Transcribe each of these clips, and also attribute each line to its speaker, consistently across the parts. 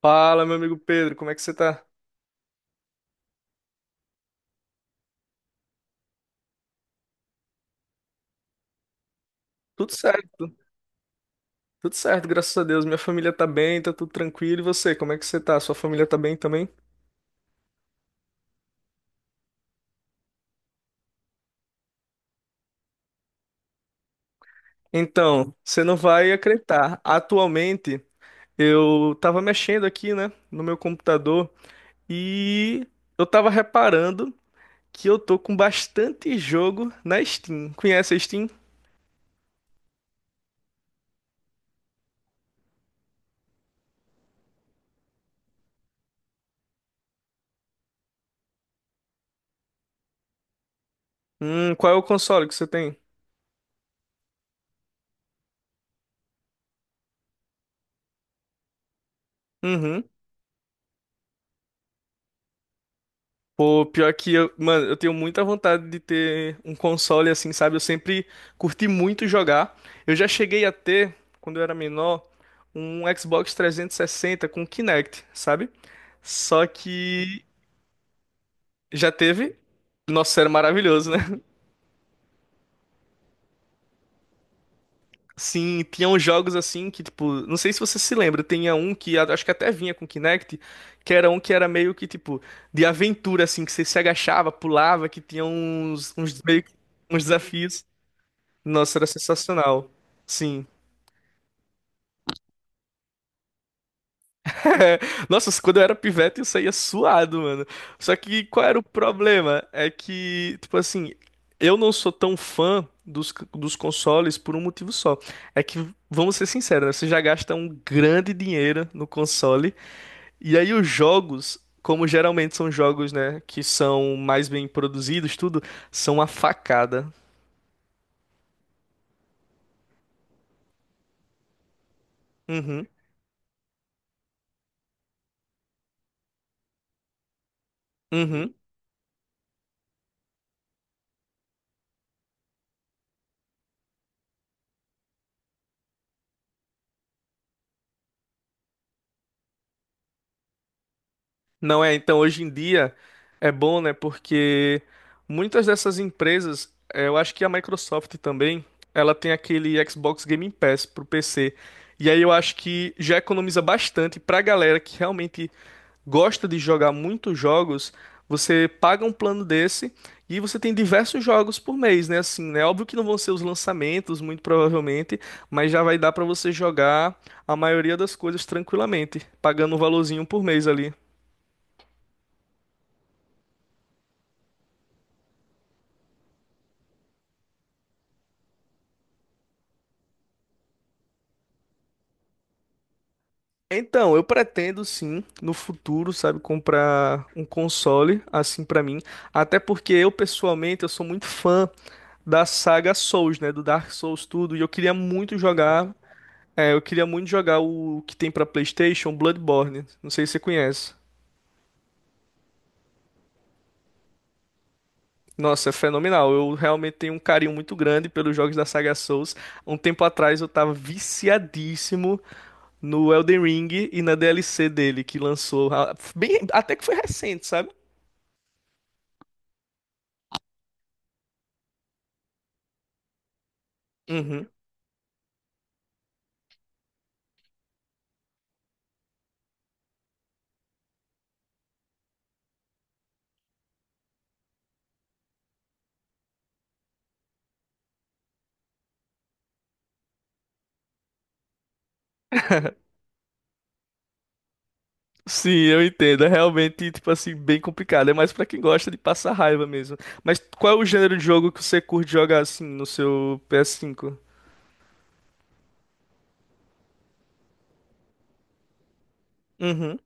Speaker 1: Fala, meu amigo Pedro, como é que você tá? Tudo certo, tudo certo, graças a Deus. Minha família tá bem, tá tudo tranquilo. E você, como é que você tá? Sua família tá bem também? Então, você não vai acreditar. Atualmente, eu tava mexendo aqui, né, no meu computador e eu tava reparando que eu tô com bastante jogo na Steam. Conhece a Steam? Qual é o console que você tem? Uhum. Pô, pior que eu, mano, eu tenho muita vontade de ter um console assim, sabe? Eu sempre curti muito jogar. Eu já cheguei a ter, quando eu era menor, um Xbox 360 com Kinect, sabe? Só que já teve. Nossa, era maravilhoso, né? Sim, tinham jogos assim que, tipo, não sei se você se lembra, tinha um que acho que até vinha com Kinect, que era um que era meio que, tipo, de aventura, assim, que você se agachava, pulava, que tinha uns, meio que uns desafios. Nossa, era sensacional. Sim. Nossa, quando eu era pivete eu saía suado, mano. Só que qual era o problema? É que, tipo assim, eu não sou tão fã dos consoles por um motivo só. É que, vamos ser sinceros, né? Você já gasta um grande dinheiro no console. E aí os jogos, como geralmente são jogos, né, que são mais bem produzidos, tudo, são uma facada. Uhum. Uhum. Não é, então hoje em dia é bom, né? Porque muitas dessas empresas, eu acho que a Microsoft também, ela tem aquele Xbox Game Pass pro PC. E aí eu acho que já economiza bastante pra galera que realmente gosta de jogar muitos jogos. Você paga um plano desse e você tem diversos jogos por mês, né? Assim, né? Óbvio que não vão ser os lançamentos, muito provavelmente, mas já vai dar pra você jogar a maioria das coisas tranquilamente, pagando um valorzinho por mês ali. Então, eu pretendo sim, no futuro, sabe, comprar um console assim pra mim, até porque eu pessoalmente eu sou muito fã da saga Souls, né, do Dark Souls tudo, e eu queria muito jogar, eu queria muito jogar o que tem pra PlayStation, Bloodborne. Não sei se você conhece. Nossa, é fenomenal. Eu realmente tenho um carinho muito grande pelos jogos da saga Souls. Um tempo atrás eu tava viciadíssimo no Elden Ring e na DLC dele que lançou, ah, bem, até que foi recente, sabe? Uhum. Sim, eu entendo. É realmente, tipo assim, bem complicado. É mais pra quem gosta de passar raiva mesmo. Mas qual é o gênero de jogo que você curte jogar assim no seu PS5? Uhum,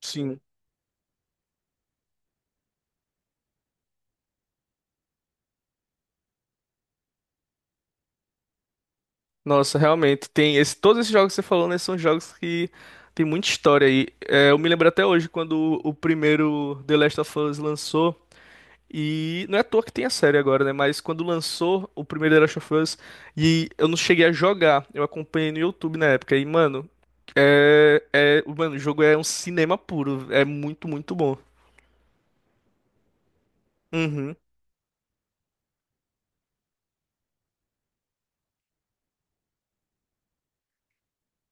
Speaker 1: sim. Nossa, realmente. Tem esse, todos esses jogos que você falou, né, são jogos que tem muita história aí. É, eu me lembro até hoje quando o primeiro The Last of Us lançou. E não é à toa que tem a série agora, né? Mas quando lançou o primeiro The Last of Us e eu não cheguei a jogar, eu acompanhei no YouTube na época. E, mano, mano, o jogo é um cinema puro. É muito, muito bom. Uhum.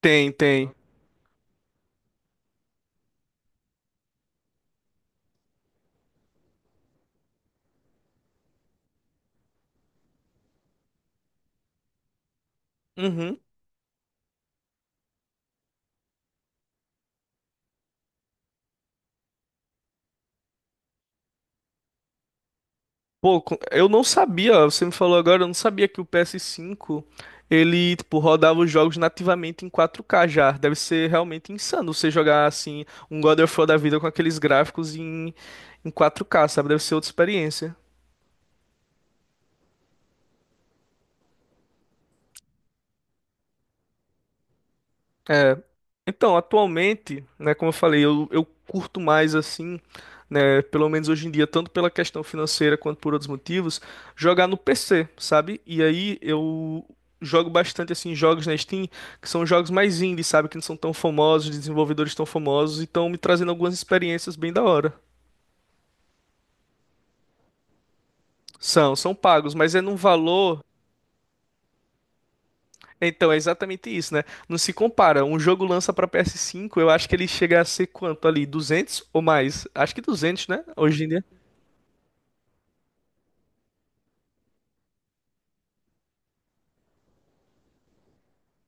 Speaker 1: Tem, tem. Uhum. Pô, eu não sabia, ó, você me falou agora, eu não sabia que o PS5 ele, tipo, rodava os jogos nativamente em 4K já. Deve ser realmente insano você jogar assim um God of War da vida com aqueles gráficos em 4K, sabe? Deve ser outra experiência. É, então, atualmente, né, como eu falei, eu curto mais assim, né, pelo menos hoje em dia, tanto pela questão financeira quanto por outros motivos, jogar no PC, sabe? E aí eu jogo bastante assim jogos na Steam, que são jogos mais indie, sabe, que não são tão famosos, desenvolvedores tão famosos, e estão me trazendo algumas experiências bem da hora. São, são pagos, mas é num valor. Então, é exatamente isso, né? Não se compara. Um jogo lança pra PS5, eu acho que ele chega a ser quanto ali? 200 ou mais? Acho que 200, né? Hoje em dia.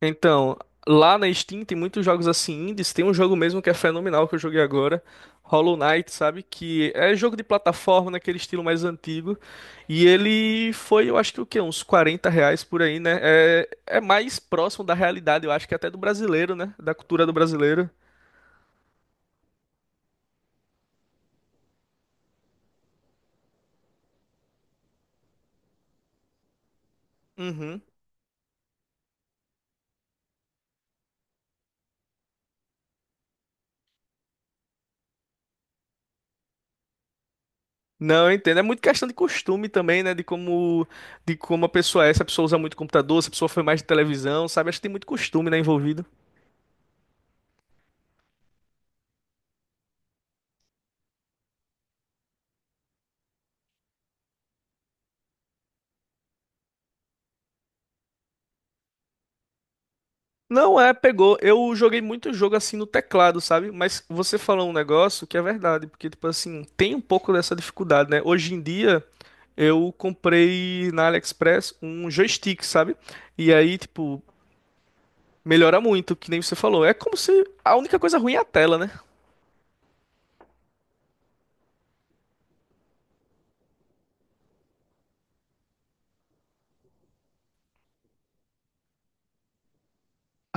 Speaker 1: Então, lá na Steam tem muitos jogos assim indies. Tem um jogo mesmo que é fenomenal que eu joguei agora, Hollow Knight, sabe? Que é jogo de plataforma naquele estilo mais antigo. E ele foi, eu acho que o quê? Uns R$ 40 por aí, né? É, é mais próximo da realidade, eu acho que até do brasileiro, né? Da cultura do brasileiro. Uhum. Não, eu entendo. É muito questão de costume também, né? De como a pessoa é, se a pessoa usa muito computador, se a pessoa foi mais de televisão, sabe? Acho que tem muito costume, né, envolvido. Não é, pegou. Eu joguei muito jogo assim no teclado, sabe? Mas você falou um negócio que é verdade, porque, tipo assim, tem um pouco dessa dificuldade, né? Hoje em dia, eu comprei na AliExpress um joystick, sabe? E aí, tipo, melhora muito, que nem você falou. É como se a única coisa ruim é a tela, né?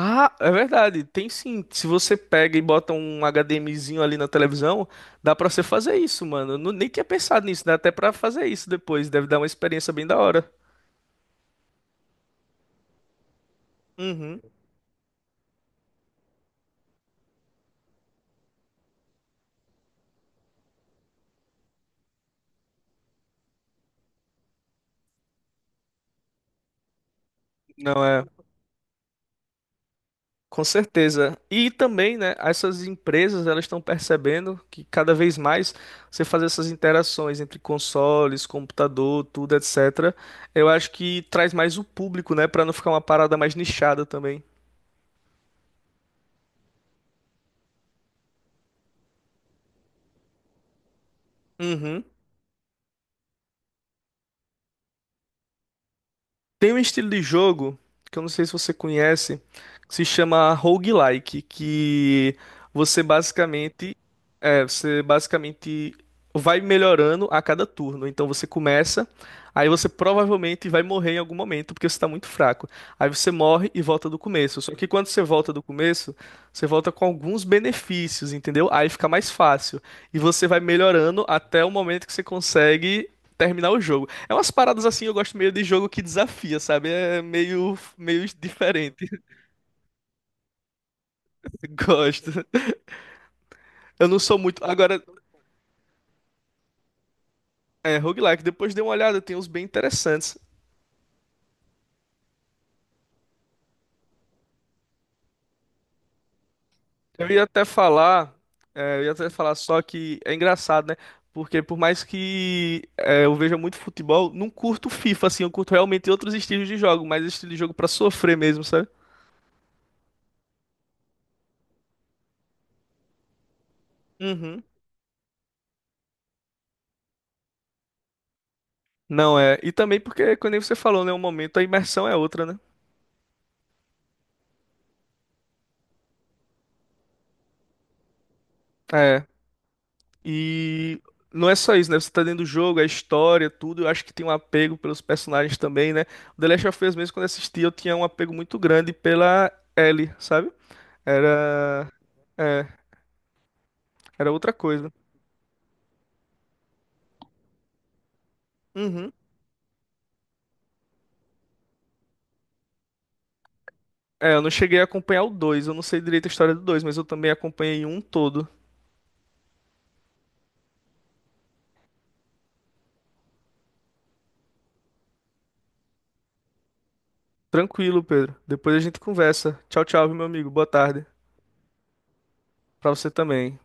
Speaker 1: Ah, é verdade, tem sim. Se você pega e bota um HDMizinho ali na televisão, dá pra você fazer isso, mano. Eu nem tinha pensado nisso, dá até pra fazer isso depois. Deve dar uma experiência bem da hora. Uhum. Não é, com certeza. E também, né, essas empresas, elas estão percebendo que cada vez mais você fazer essas interações entre consoles, computador, tudo, etc. Eu acho que traz mais o público, né, pra não ficar uma parada mais nichada também. Uhum. Tem um estilo de jogo que eu não sei se você conhece, que se chama roguelike, que você basicamente você basicamente vai melhorando a cada turno. Então você começa, aí você provavelmente vai morrer em algum momento porque você está muito fraco. Aí você morre e volta do começo. Só que quando você volta do começo, você volta com alguns benefícios, entendeu? Aí fica mais fácil e você vai melhorando até o momento que você consegue terminar o jogo. É umas paradas assim, eu gosto meio de jogo que desafia, sabe? É meio, meio diferente. Gosto. Eu não sou muito. Agora, é, roguelike, depois dei uma olhada, tem uns bem interessantes. Eu ia até falar, eu ia até falar só que é engraçado, né? Porque por mais que eu veja muito futebol, não curto FIFA, assim, eu curto realmente outros estilos de jogo, mas estilo de jogo pra sofrer mesmo, sabe? Uhum. Não é. E também porque, como você falou, né? Um momento a imersão é outra, né? É. E não é só isso, né? Você tá dentro do jogo, a história, tudo. Eu acho que tem um apego pelos personagens também, né? O The Last of Us mesmo, quando eu assisti, eu tinha um apego muito grande pela Ellie, sabe? Era. É, era outra coisa. Uhum. É, eu não cheguei a acompanhar o dois, eu não sei direito a história do dois, mas eu também acompanhei um todo. Tranquilo, Pedro. Depois a gente conversa. Tchau, tchau, viu, meu amigo. Boa tarde. Pra você também.